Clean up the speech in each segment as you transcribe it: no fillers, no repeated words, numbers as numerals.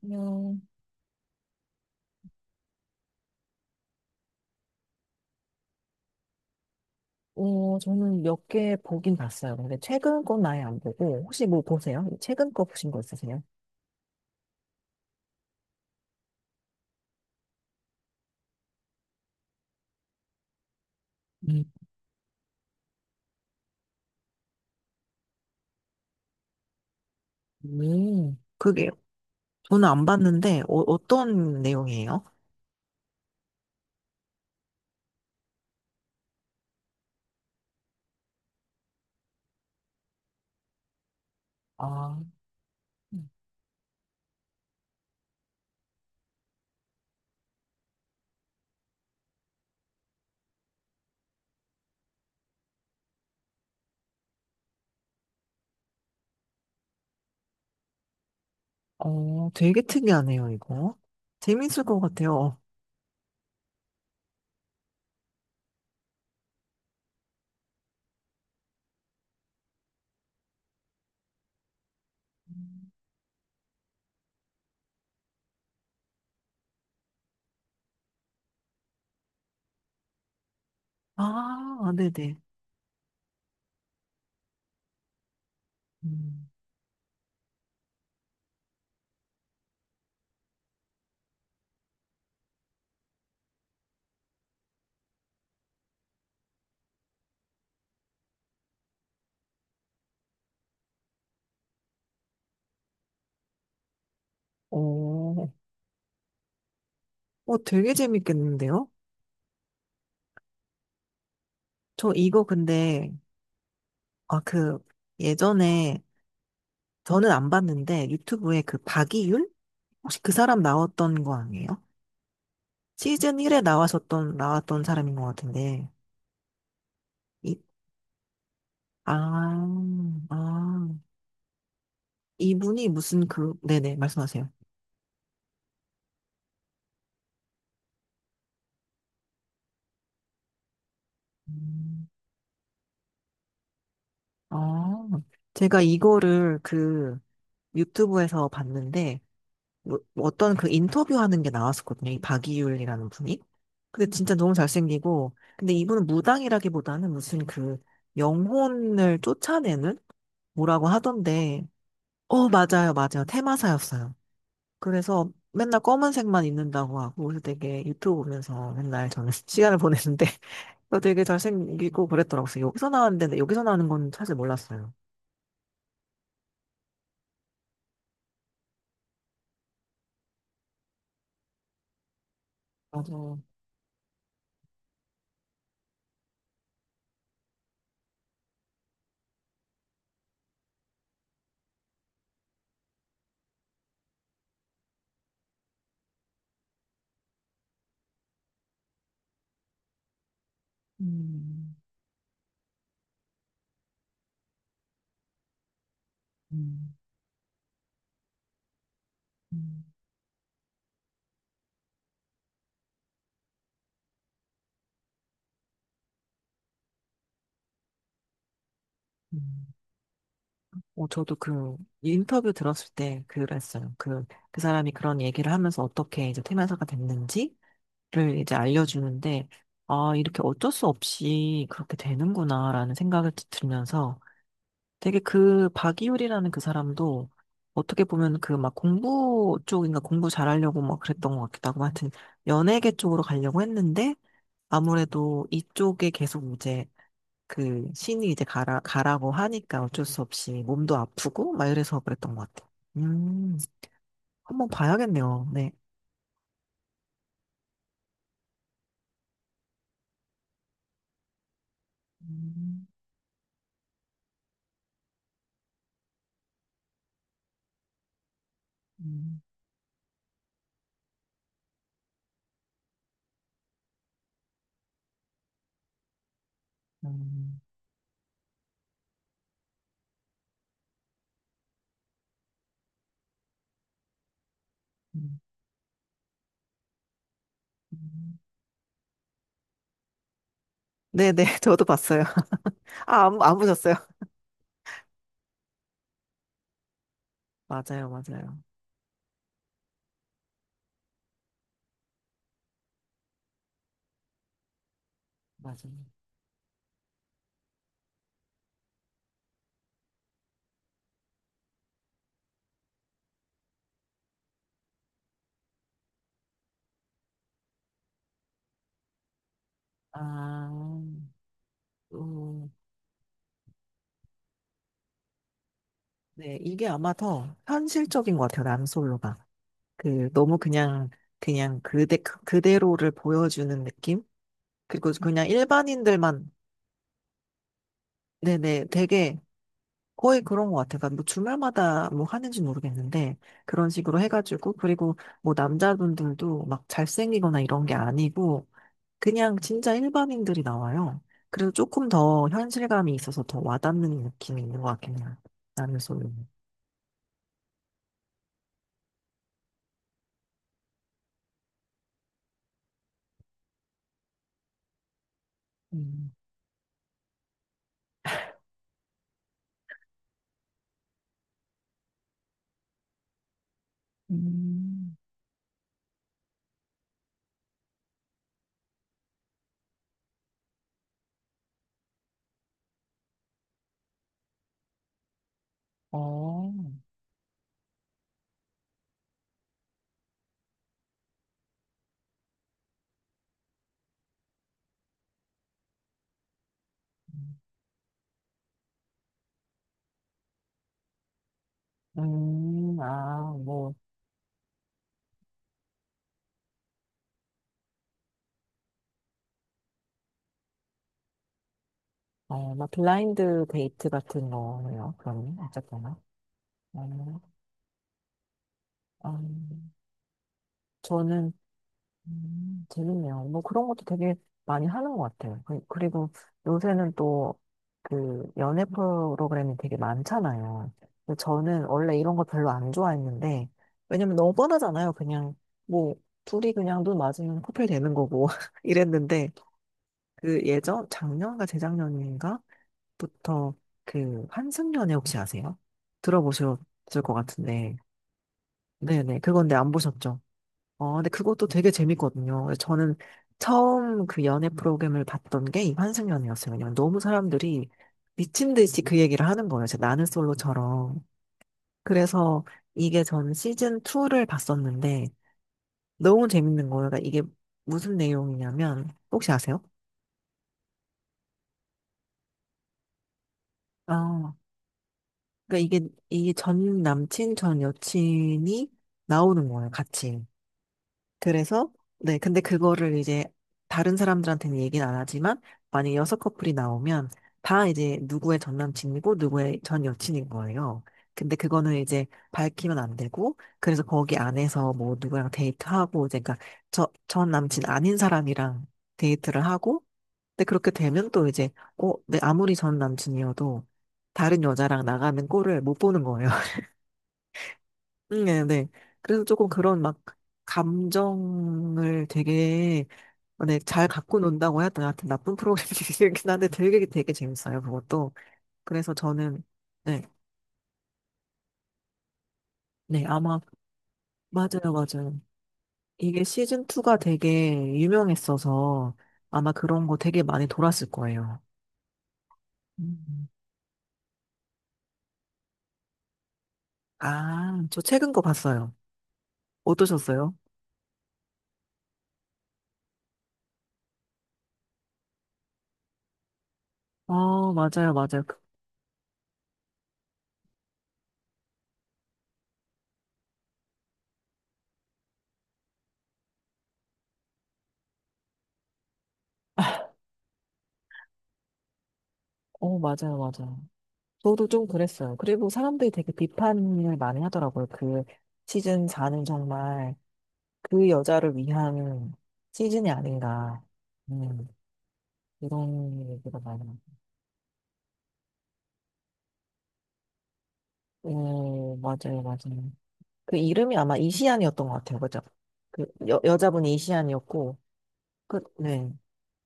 그냥, 저는 몇 개 보긴 봤어요. 근데 최근 건 아예 안 보고, 혹시 뭐 보세요? 최근 거 보신 거 있으세요? 음, 그게 저는 안 봤는데 어떤 내용이에요? 아, 음. 되게 특이하네요, 이거. 재밌을 것 같아요. 아, 네네. 음. 오, 되게 재밌겠는데요? 저 이거 근데, 아, 그, 예전에, 저는 안 봤는데, 유튜브에 그 박이윤? 혹시 그 사람 나왔던 거 아니에요? 시즌 1에 나왔었던, 나왔던 사람인 것 같은데. 이, 아, 아, 이분이 무슨 그, 네네, 말씀하세요. 음, 아, 제가 이거를 그 유튜브에서 봤는데, 뭐 어떤 그 인터뷰하는 게 나왔었거든요. 이 박이율이라는 분이. 근데 진짜 너무 잘생기고, 근데 이분은 무당이라기보다는 무슨 그 영혼을 쫓아내는 뭐라고 하던데, 맞아요, 맞아요. 테마사였어요. 그래서 맨날 검은색만 입는다고 하고 그래서 되게 유튜브 보면서 맨날 저는 시간을 보냈는데 그 되게 잘생기고 그랬더라고요. 그래서 여기서 나왔는데 근데 여기서 나오는 건 사실 몰랐어요. 맞아. 음, 음, 음, 음. 저도 그 인터뷰 들었을 때 그랬어요. 그, 그 사람이 그런 얘기를 하면서 어떻게 이제 퇴면사가 됐는지를 이제 알려주는데, 이렇게 어쩔 수 없이 그렇게 되는구나라는 생각을 들면서 되게 그 박이율이라는 그 사람도 어떻게 보면 그 막 공부 쪽인가 공부 잘하려고 막 그랬던 것 같기도 하고 하여튼 연예계 쪽으로 가려고 했는데 아무래도 이쪽에 계속 이제 그 신이 이제 가라고 하니까 어쩔 수 없이 몸도 아프고 막 이래서 그랬던 것 같아요. 음, 한번 봐야겠네요. 네. 음, 음, 음, 음, 음. 네네, 저도 봤어요. 아, 안 보셨어요? 맞아요, 맞아요. 맞아요. 아, 음. 네, 이게 아마 더 현실적인 것 같아요, 람솔로가. 그, 너무 그냥, 그냥 그대로를 보여주는 느낌? 그리고 그냥 일반인들만, 네네, 되게 거의 그런 것 같아요. 그러니까 뭐 주말마다 뭐 하는지 모르겠는데, 그런 식으로 해가지고, 그리고 뭐 남자분들도 막 잘생기거나 이런 게 아니고, 그냥 진짜 일반인들이 나와요. 그래서 조금 더 현실감이 있어서 더 와닿는 느낌이 있는 것 같긴 해요, 람솔로는. 음. 음, 어. 음, 아, 뭐, 막 블라인드 데이트 같은 거예요, 그러면, 어쨌거나. 음, 음, 저는, 재밌네요. 뭐 그런 것도 되게 많이 하는 것 같아요. 그리고 요새는 또, 그, 연애 프로그램이 되게 많잖아요. 근데 저는 원래 이런 거 별로 안 좋아했는데, 왜냐면 너무 뻔하잖아요. 그냥, 뭐, 둘이 그냥 눈 맞으면 커플 되는 거고, 이랬는데, 그 예전, 작년과 재작년인가? 부터 그 환승연애 혹시 아세요? 들어보셨을 것 같은데. 네네. 그건데 안 보셨죠? 근데 그것도 되게 재밌거든요. 저는 처음 그 연애 프로그램을 봤던 게 이 환승연애였어요. 왜냐면 너무 사람들이 미친 듯이 그 얘기를 하는 거예요. 제 나는 솔로처럼. 그래서 이게 전 시즌 2를 봤었는데 너무 재밌는 거예요. 그러니까 이게 무슨 내용이냐면 혹시 아세요? 아, 그러니까 이게 전 남친 전 여친이 나오는 거예요, 같이. 그래서, 네, 근데 그거를 이제 다른 사람들한테는 얘기는 안 하지만, 만약에 여섯 커플이 나오면, 다 이제 누구의 전 남친이고, 누구의 전 여친인 거예요. 근데 그거는 이제 밝히면 안 되고, 그래서 거기 안에서 뭐 누구랑 데이트하고, 이제 그러니까 전 남친 아닌 사람이랑 데이트를 하고, 근데 그렇게 되면 또 이제, 내 아무리 전 남친이어도 다른 여자랑 나가는 꼴을 못 보는 거예요. 네, 네. 그래서 조금 그런 막 감정을 되게 네, 잘 갖고 논다고 해야 되나 하여튼 나쁜 프로그램이긴 한데 되게 되게 재밌어요 그것도. 그래서 저는 네, 네 아마 맞아요 맞아요. 이게 시즌 2가 되게 유명했어서 아마 그런 거 되게 많이 돌았을 거예요. 음. 아, 저 최근 거 봤어요. 어떠셨어요? 맞아요 맞아요. 맞아요 맞아요. 저도 좀 그랬어요. 그리고 사람들이 되게 비판을 많이 하더라고요. 그 시즌 4는 정말 그 여자를 위한 시즌이 아닌가. 음, 이런 얘기가 많이 나요. 오, 맞아요, 맞아요. 그 이름이 아마 이시안이었던 것 같아요. 그죠? 그 여자분이 이시안이었고, 그, 네.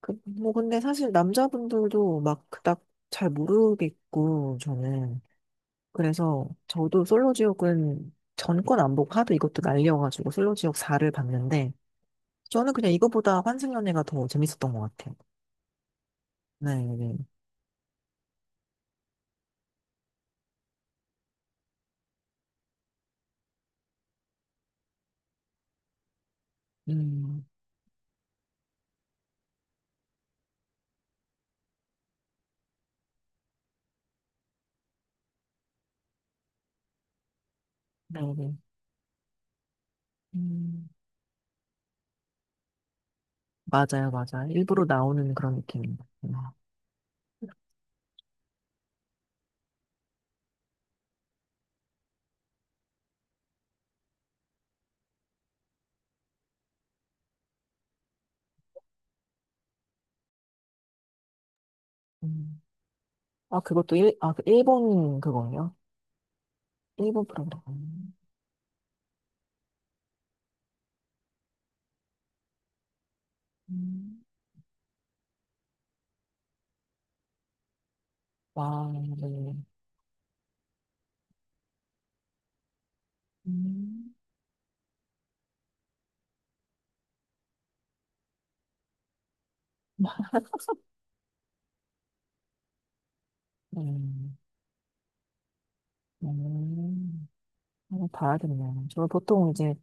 그, 뭐, 근데 사실 남자분들도 막 그닥 잘 모르겠고, 저는. 그래서 저도 솔로지옥은 전권 안 보고 하도 이것도 날려가지고 솔로지옥 4를 봤는데 저는 그냥 이거보다 환승연애가 더 재밌었던 것 같아요. 네, 네. 음, 네, 네. 음, 맞아요, 맞아요. 일부러 나오는 그런 느낌입니다. 음. 음. 아, 그것도 그 일본 그거예요? 일본 프로그램. 음. 와, 네. 음, 음, 음. 한번 봐야겠네요. 저는 보통 이제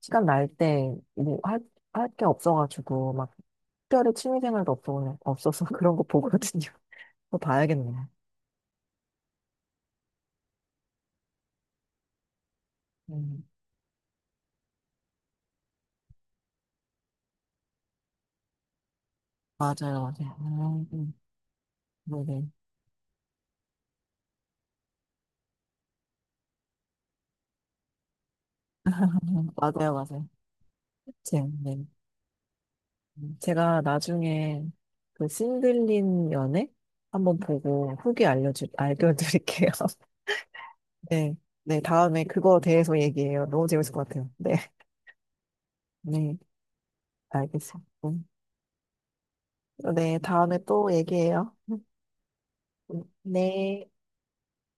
시간 날 때, 뭐, 할 게 없어가지고, 막, 특별히 취미생활도 없어서 그런 거 보거든요. 그거 봐야겠네. 음, 맞아요, 맞아요. 네네. 맞아요, 맞아요. 네. 제가 나중에 그 신들린 연애 한번 보고 후기 알려드릴게요. 네. 네, 다음에 그거 대해서 얘기해요. 너무 재밌을 것 같아요. 네. 네, 알겠습니다. 네, 다음에 또 얘기해요. 네.